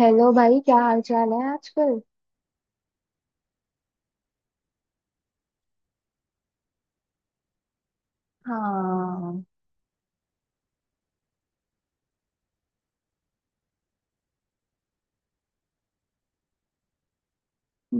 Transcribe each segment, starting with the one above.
Hello भाई, क्या हाल चाल है आजकल। हाँ।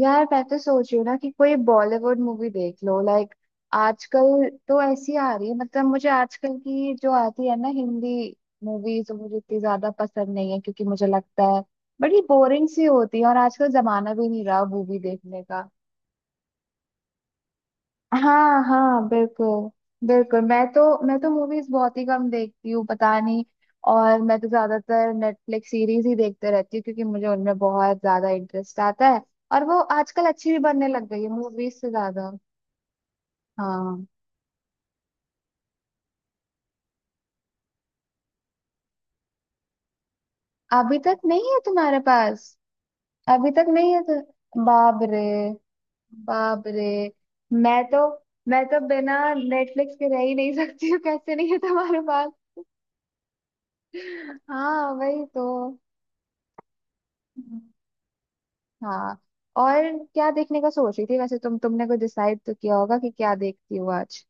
यार, मैं तो सोच रही हूँ ना कि कोई बॉलीवुड मूवी देख लो। लाइक आजकल तो ऐसी आ रही है, मतलब मुझे आजकल की जो आती है ना हिंदी मूवीज, वो मुझे इतनी ज्यादा पसंद नहीं है, क्योंकि मुझे लगता है बड़ी बोरिंग सी होती है। और आजकल जमाना भी नहीं रहा मूवी देखने का। हाँ हाँ, बिल्कुल। बिल्कुल। मैं तो मूवीज बहुत ही कम देखती हूँ, पता नहीं। और मैं तो ज्यादातर नेटफ्लिक्स सीरीज ही देखते रहती हूँ, क्योंकि मुझे उनमें बहुत ज्यादा इंटरेस्ट आता है। और वो आजकल अच्छी भी बनने लग गई है मूवीज से ज्यादा। हाँ। अभी तक नहीं है तुम्हारे पास? अभी तक नहीं है तो? बाप रे। बाप रे। मैं तो मैं तो बिना नेटफ्लिक्स के रह ही नहीं सकती हूँ। कैसे नहीं है तुम्हारे पास? हाँ, वही तो। हाँ। और क्या देखने का सोच रही थी वैसे तुमने कुछ डिसाइड तो किया होगा कि क्या देखती हो आज।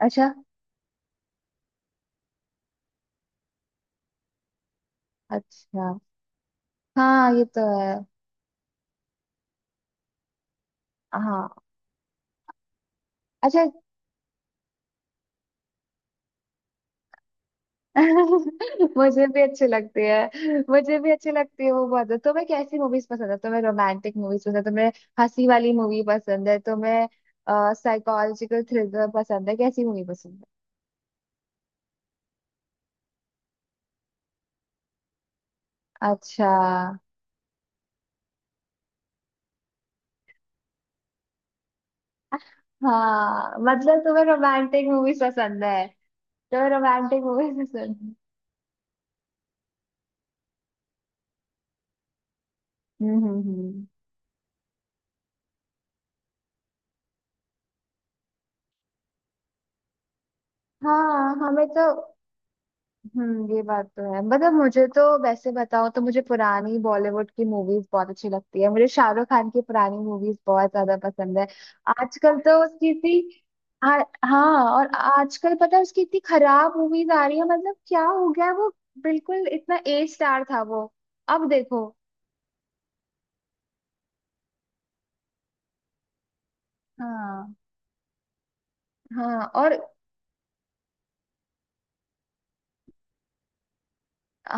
अच्छा। अच्छा। हाँ, ये तो है। हाँ। अच्छा। मुझे भी अच्छे लगती है, मुझे भी अच्छी लगती है वो बहुत। तुम्हें कैसी मूवीज पसंद है? तुम्हें रोमांटिक मूवीज पसंद है? तुम्हें हंसी वाली मूवी पसंद है? तुम्हें साइकोलॉजिकल थ्रिलर पसंद है? कैसी मूवी पसंद है? अच्छा। हाँ, मतलब तुम्हें रोमांटिक मूवीज पसंद है? तुम्हें रोमांटिक मूवीज पसंद है? हम्म हम्म हम्म। हाँ, हमें तो। हम्म, ये बात तो है। मतलब मुझे तो, वैसे बताओ तो, मुझे पुरानी बॉलीवुड की मूवीज बहुत अच्छी लगती है। मुझे शाहरुख खान की पुरानी मूवीज बहुत ज्यादा पसंद है। आजकल तो उसकी इतनी। आ, हाँ। और आजकल पता है उसकी इतनी खराब मूवीज आ रही है, मतलब क्या हो गया है? वो बिल्कुल इतना ए स्टार था वो। अब देखो। हाँ हाँ। और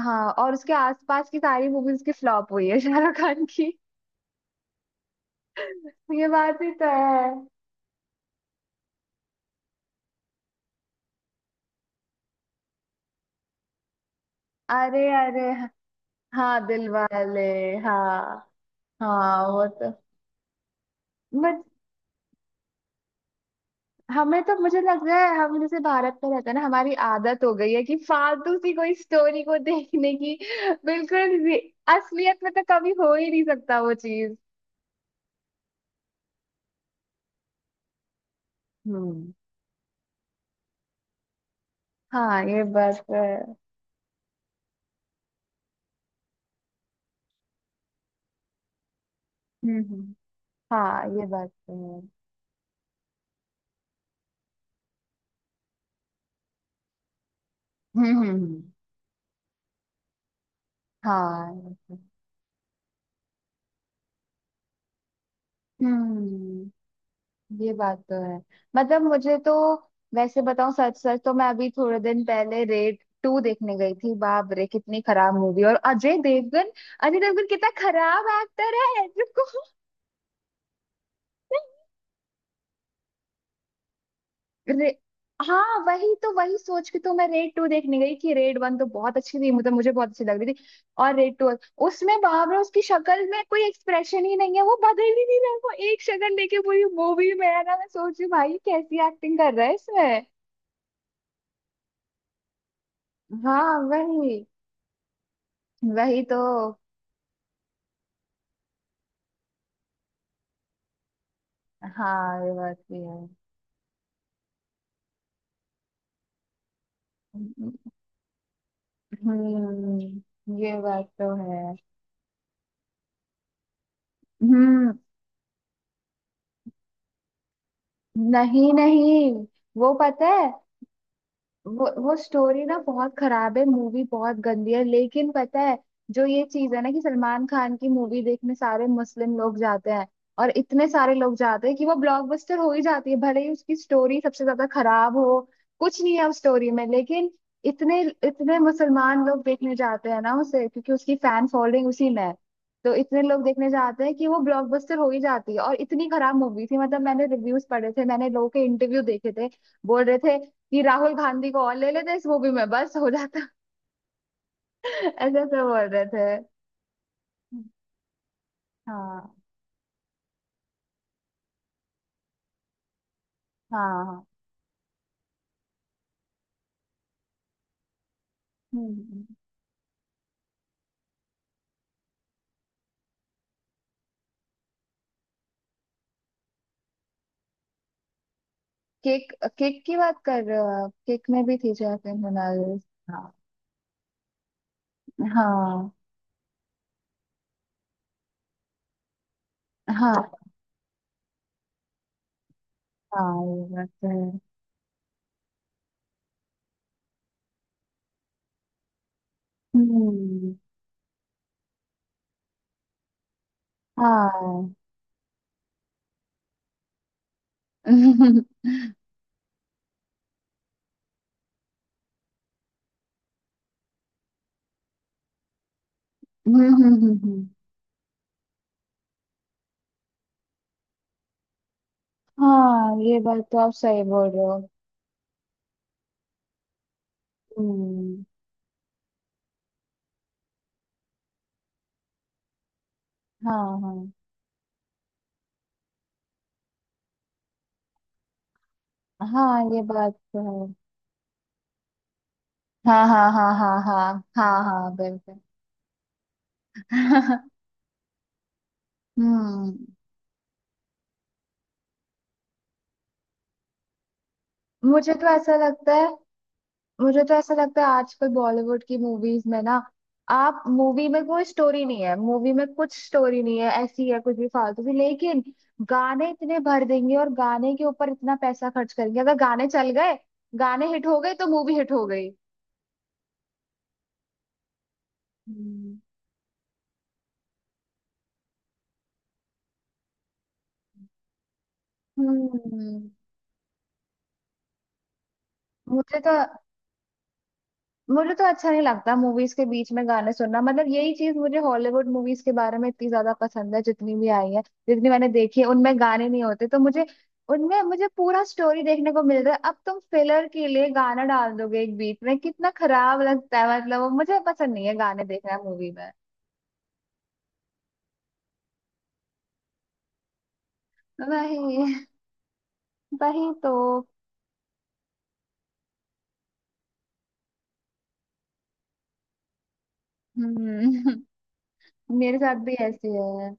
हाँ, और उसके आसपास की सारी मूवीज की फ्लॉप हुई है शाहरुख खान की। ये बात ही तो है। अरे अरे। हाँ, दिल वाले। हाँ हाँ, वो तो। बट हमें तो, मुझे लग रहा है, हम जैसे भारत में रहते हैं ना, हमारी आदत हो गई है कि फालतू सी कोई स्टोरी को देखने की। बिल्कुल भी असलियत में तो कभी हो ही नहीं सकता वो चीज। हम्म। हाँ, ये बात तो है। हम्म हम्म, हाँ, ये बात तो है। हम्म हम्म हम्म, हाँ ये तो- हम्म, ये बात तो है। मतलब मुझे तो, वैसे बताऊं, सच सच तो मैं अभी थोड़े दिन पहले रेड टू देखने गई थी। बाप रे, कितनी खराब मूवी। और अजय देवगन, अजय देवगन कितना खराब एक्टर है, जिसको। रे... हाँ, वही तो। वही सोच के तो मैं रेड टू देखने गई, कि रेड वन तो बहुत अच्छी थी, मतलब मुझे बहुत अच्छी लग रही थी। और रेड टू, उसमें बाप रे, उसकी शक्ल में कोई एक्सप्रेशन ही नहीं है, वो बदल ही नहीं रहा है। वो एक शक्ल लेके पूरी मूवी में है ना, मैं सोच रही हूँ, भाई कैसी एक्टिंग कर रहा है इसमें। हाँ, वही। वही तो। हाँ, ये बात भी है। हम्म, ये बात तो है। हम्म। नहीं नहीं। वो पता है। वो स्टोरी ना बहुत खराब है, मूवी बहुत गंदी है, लेकिन पता है, जो ये चीज है ना, कि सलमान खान की मूवी देखने सारे मुस्लिम लोग जाते हैं। और इतने सारे लोग जाते हैं कि वो ब्लॉकबस्टर हो ही जाती है, भले ही उसकी स्टोरी सबसे ज्यादा खराब हो। कुछ नहीं है उस स्टोरी में, लेकिन इतने इतने मुसलमान लोग देखने जाते हैं ना उसे, क्योंकि उसकी फैन फॉलोइंग उसी में है। तो इतने लोग देखने जाते हैं कि वो ब्लॉकबस्टर हो ही जाती है। और इतनी खराब मूवी थी, मतलब मैंने रिव्यूज पढ़े थे, मैंने लोगों के इंटरव्यू देखे थे, बोल रहे थे कि राहुल गांधी को और ले लेते इस मूवी में, बस हो जाता। ऐसे ऐसे बोल रहे थे। हाँ हाँ हाँ। हम्म। केक। केक की बात कर रहे हो आप? केक में भी थी जैकलिन मोनालिस। हाँ हाँ हाँ हाँ, ये बात तो है। हम्म। हाँ। हम्म, हम्म, हम्म, हाँ ये बात तो आप सही बोल रहे हो। हम्म। हाँ हाँ। हाँ, ये बात तो है। हाँ हाँ हाँ हाँ हाँ हाँ हाँ, बिल्कुल। हम्म। मुझे तो ऐसा लगता है, मुझे तो ऐसा लगता है आजकल बॉलीवुड की मूवीज में ना, आप मूवी में कोई स्टोरी नहीं है, मूवी में कुछ स्टोरी नहीं है, ऐसी है कुछ भी फालतू की। लेकिन गाने इतने भर देंगे और गाने के ऊपर इतना पैसा खर्च करेंगे, अगर गाने चल गए, गाने हिट हो गए, तो मूवी हिट हो गई। हम्म। हम्म। मुझे तो मुझे तो अच्छा नहीं लगता मूवीज के बीच में गाने सुनना। मतलब यही चीज मुझे हॉलीवुड मूवीज के बारे में इतनी ज्यादा पसंद है, जितनी भी आई है, जितनी मैंने देखी है, उनमें गाने नहीं होते तो मुझे, उनमें मुझे पूरा स्टोरी देखने को मिल रहा है। अब तुम फिलर के लिए गाना डाल दोगे एक बीच में, कितना खराब लगता है। मतलब वो मुझे पसंद नहीं है गाने देखना मूवी में। वही। वही तो। हम्म। मेरे साथ भी ऐसी है।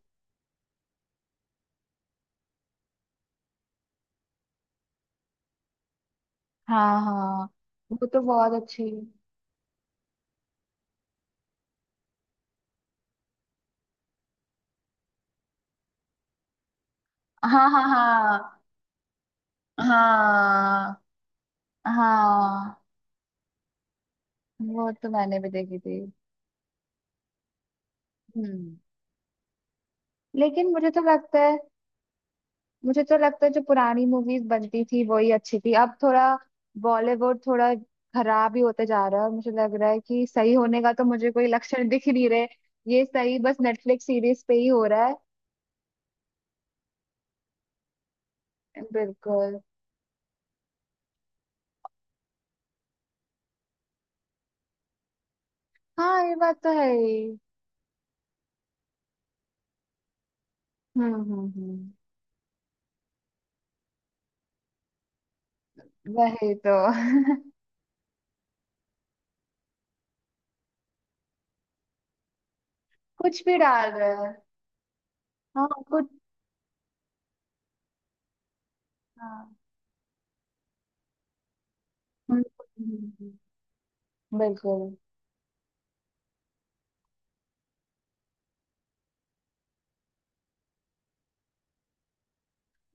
हाँ हाँ, वो तो बहुत अच्छी। हाँ हाँ हाँ हाँ हाँ। वो तो मैंने भी देखी थी। हम्म। लेकिन मुझे तो लगता है, मुझे तो लगता है जो पुरानी मूवीज बनती थी वही अच्छी थी। अब थोड़ा बॉलीवुड थोड़ा खराब ही होते जा रहा है, और मुझे लग रहा है कि सही होने का तो मुझे कोई लक्षण दिख ही नहीं रहे। ये सही बस नेटफ्लिक्स सीरीज पे ही हो रहा है। बिल्कुल। हाँ, ये बात तो है ही। हम्म हम्म हम्म। वही तो। कुछ भी डाल रहे हैं। हाँ, कुछ। हाँ। हम्म, हम्म, हम्म, हम्म। बिल्कुल।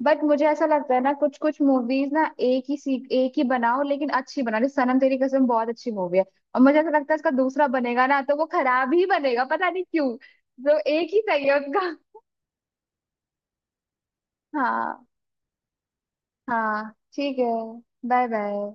बट मुझे ऐसा लगता है ना कुछ कुछ मूवीज ना, एक ही सीख, एक ही बनाओ लेकिन अच्छी बनाओ, जैसे सनम तेरी कसम बहुत अच्छी मूवी है। और मुझे ऐसा लगता है इसका दूसरा बनेगा ना तो वो खराब ही बनेगा, पता नहीं क्यों, तो एक ही सही है उनका। हाँ हाँ। ठीक है। Bye bye.